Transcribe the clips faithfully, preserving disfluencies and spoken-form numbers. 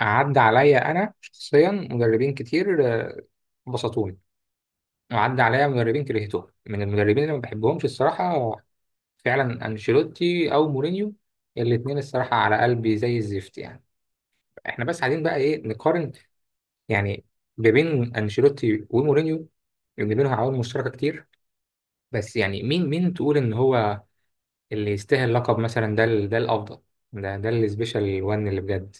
عدى عليا انا شخصيا مدربين كتير، آه، بسطوني. وعدى عليا مدربين كرهتهم، من المدربين اللي ما بحبهمش الصراحه، فعلا انشيلوتي او مورينيو. الاثنين الصراحه على قلبي زي الزفت، يعني احنا بس قاعدين بقى ايه نقارن، يعني ما بين انشيلوتي ومورينيو اللي بينهم عوامل مشتركه كتير. بس يعني مين مين تقول ان هو اللي يستاهل لقب، مثلا ده ال- ده الافضل، ده ده السبيشال وان اللي بجد.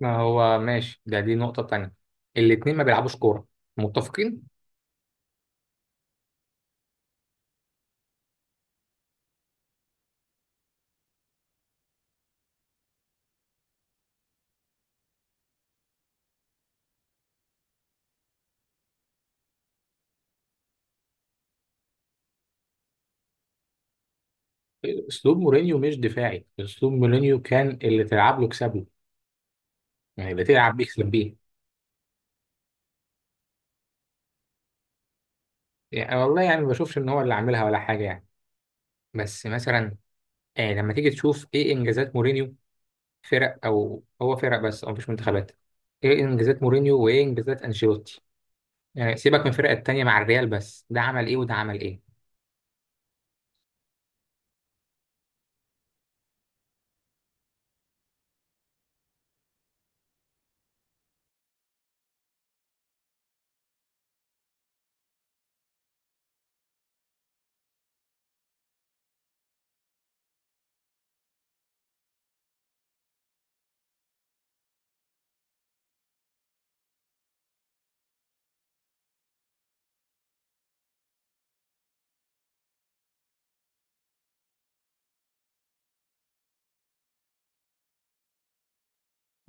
ما هو ماشي، ده دي نقطة تانية، الاتنين ما بيلعبوش كورة، متفقين. اسلوب مورينيو مش دفاعي، اسلوب مورينيو كان اللي تلعب له كسب له، يعني اللي تلعب بيه كسب بيه. يعني والله يعني ما بشوفش ان هو اللي عاملها ولا حاجة يعني. بس مثلا، آه، لما تيجي تشوف ايه انجازات مورينيو، فرق او هو فرق بس او مفيش منتخبات. ايه انجازات مورينيو وايه انجازات انشيلوتي؟ يعني سيبك من الفرق التانية، مع الريال بس ده عمل ايه وده عمل ايه.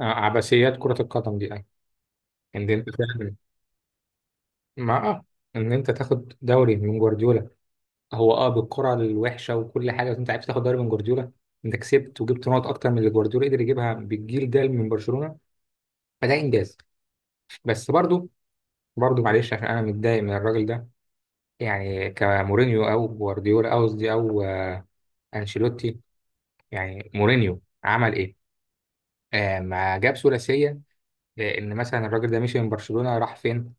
آه، عبثيات كرة القدم دي، يعني ان انت فاهم. مع اه، ان انت تاخد دوري من جوارديولا، هو اه بالقرعه الوحشه وكل حاجه، بس انت عرفت تاخد دوري من جوارديولا. انت كسبت وجبت نقط اكتر من اللي جوارديولا قدر يجيبها بالجيل ده من برشلونه، فده انجاز. بس برضو، برضو معلش عشان انا متضايق من الراجل ده. يعني كمورينيو او جوارديولا او قصدي او آه، انشيلوتي، يعني مورينيو عمل ايه؟ آه ما جاب ثلاثيه. لان مثلا الراجل ده مشي من برشلونه راح فين؟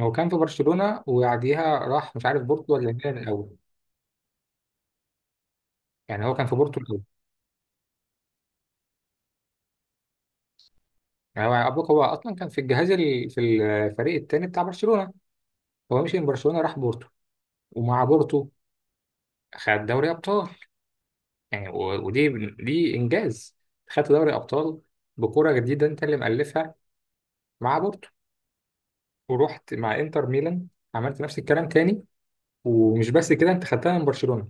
هو كان في برشلونه وبعديها راح مش عارف بورتو ولا ميلان الاول. يعني هو كان في بورتو، يعني ابوك هو اصلا كان في الجهاز ال... في الفريق التاني بتاع برشلونه. هو مشي من برشلونه راح بورتو، ومع بورتو خد دوري ابطال. يعني و... ودي دي انجاز، خدت دوري ابطال بكره جديده انت اللي مألفها، مع بورتو. ورحت مع انتر ميلان، عملت نفس الكلام تاني، ومش بس كده انت خدتها من برشلونه.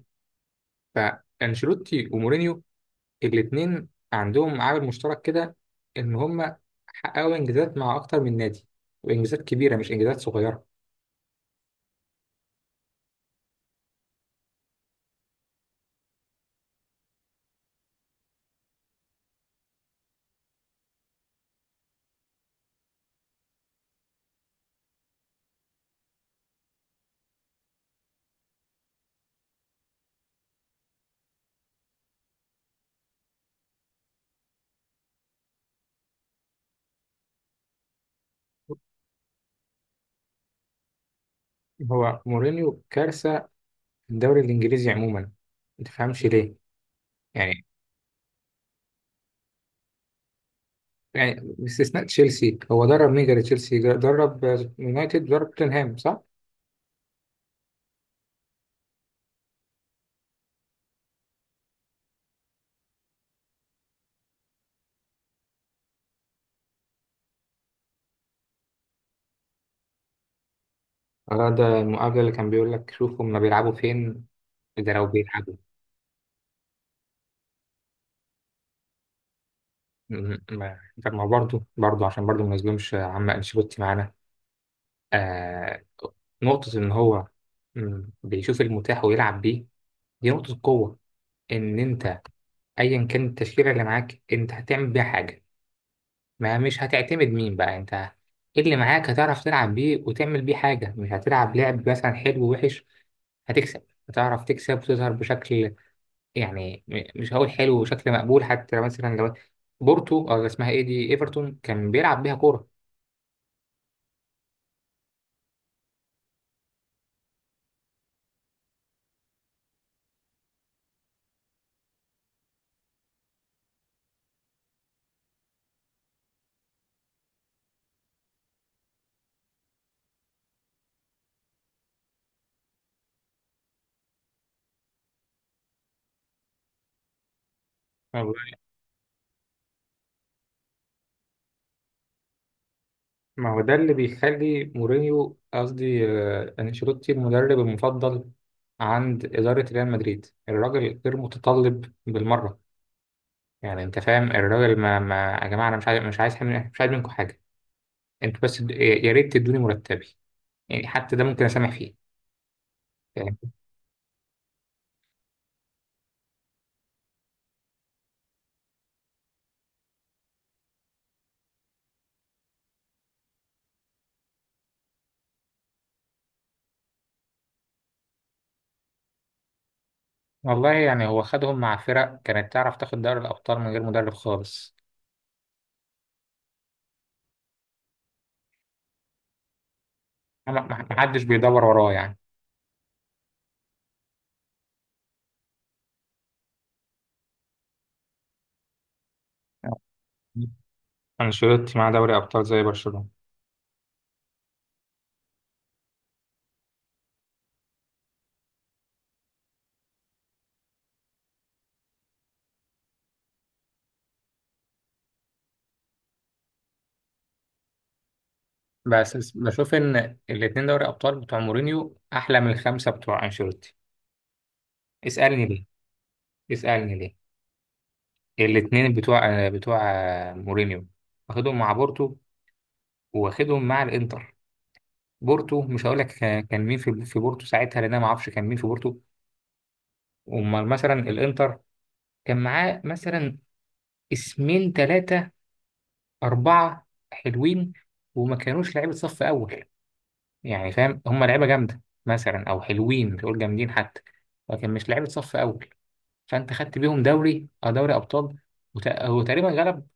فانشيلوتي ومورينيو الاثنين عندهم عامل مشترك كده، ان هم حققوا انجازات مع اكتر من نادي، وانجازات كبيره مش انجازات صغيره. هو مورينيو كارثة في الدوري الإنجليزي عموما، ما تفهمش ليه. يعني يعني باستثناء تشيلسي، هو درب مين غير تشيلسي؟ درب يونايتد، درب توتنهام، صح؟ آه، ده المقابلة اللي كان بيقول لك شوفوا هما بيلعبوا فين ده لو بيلعبوا. م- ما- طب ما برضه، برضه عشان برضه ما نظلمش عم أنشيلوتي معانا، آه، نقطة إن هو م، بيشوف المتاح ويلعب بيه، دي نقطة قوة. إن أنت أيا كانت التشكيلة اللي معاك أنت هتعمل بيها حاجة، ما مش هتعتمد مين بقى انت، ايه اللي معاك هتعرف تلعب بيه وتعمل بيه حاجة. مش هتلعب لعب مثلا حلو ووحش، هتكسب، هتعرف تكسب وتظهر بشكل، يعني م- مش هقول حلو وشكل مقبول، حتى مثلا لو بورتو او اسمها ايه دي ايفرتون كان بيلعب بيها كورة. والله. ما هو ده اللي بيخلي مورينيو قصدي، آه، انشيلوتي المدرب المفضل عند إدارة ريال مدريد. الراجل غير متطلب بالمرة. يعني انت فاهم، الراجل ما, ما يا جماعة انا مش عايز، مش عايز حاجة- مش عايز منكم حاجة، انتوا بس د- يا ريت تدوني مرتبي، يعني حتى ده ممكن اسامح فيه. فاهم؟ والله يعني هو خدهم مع فرق كانت تعرف تاخد دوري الابطال من غير مدرب خالص. ما ما- ما حدش بيدور وراه يعني. انشيلوتي مع دوري ابطال زي برشلونة. بس بس بشوف ان الاتنين دوري ابطال بتوع مورينيو احلى من الخمسه بتوع انشيلوتي. اسالني ليه. اسالني ليه الاتنين بتوع بتوع مورينيو واخدهم مع بورتو، واخدهم مع الانتر. بورتو مش هقول لك كان مين في في بورتو ساعتها، لان انا ما اعرفش كان مين في بورتو. امال مثلا الانتر كان معاه مثلا اسمين ثلاثة أربعة حلوين، وما كانوش لعيبة صف أول. يعني فاهم، هم لعيبة جامدة مثلا أو حلوين، مش هقول جامدين حتى، لكن مش لعيبة صف أول. فأنت خدت بيهم دوري أو دوري أبطال، وت- هو تقريبا غلب،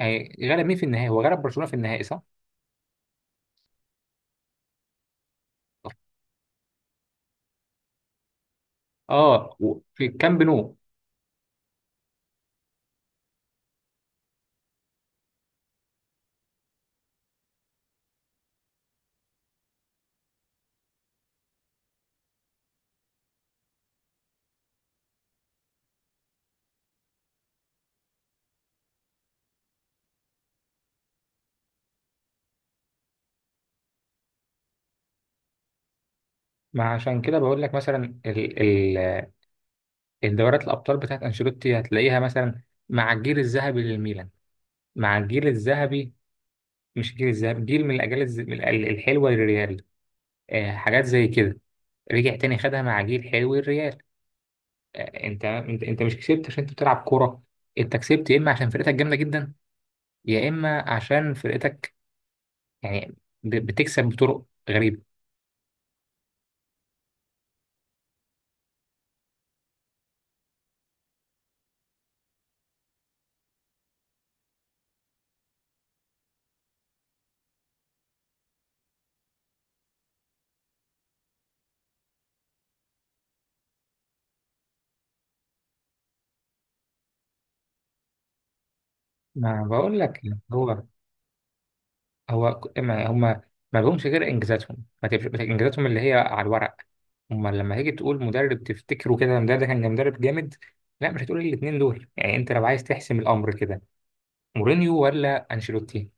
آه، غلب مين في النهائي؟ هو غلب برشلونة في النهائي، صح؟ اه و- في الكامب نو. ما عشان كده بقول لك مثلا ال ال الدورات الأبطال بتاعت أنشيلوتي هتلاقيها مثلا مع الجيل الذهبي للميلان، مع الجيل الذهبي، مش الجيل الذهبي، جيل من الاجيال الز- من ال- الحلوه للريال، آه حاجات زي كده. رجع تاني خدها مع جيل حلو الريال. آه، انت انت انت مش كسبت عشان انت بتلعب كوره، انت كسبت يا اما عشان فرقتك جامده جدا، يا اما عشان فرقتك، يعني ب- بتكسب بطرق غريبه. ما بقول لك يعني هو، هو ك- ما هم ما لهمش غير انجازاتهم، ما تبقاش بت- انجازاتهم اللي هي على الورق. هم لما تيجي تقول مدرب تفتكره كده، ده ده كان مدرب جامد، لا مش هتقول الاثنين دول. يعني انت لو عايز تحسم الامر كده، مورينيو ولا انشيلوتي؟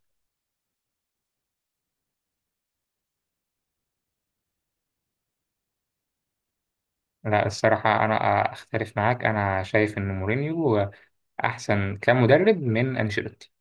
لا الصراحة أنا أختلف معاك، أنا شايف إن مورينيو أحسن كمدرب من أنشيلوتي.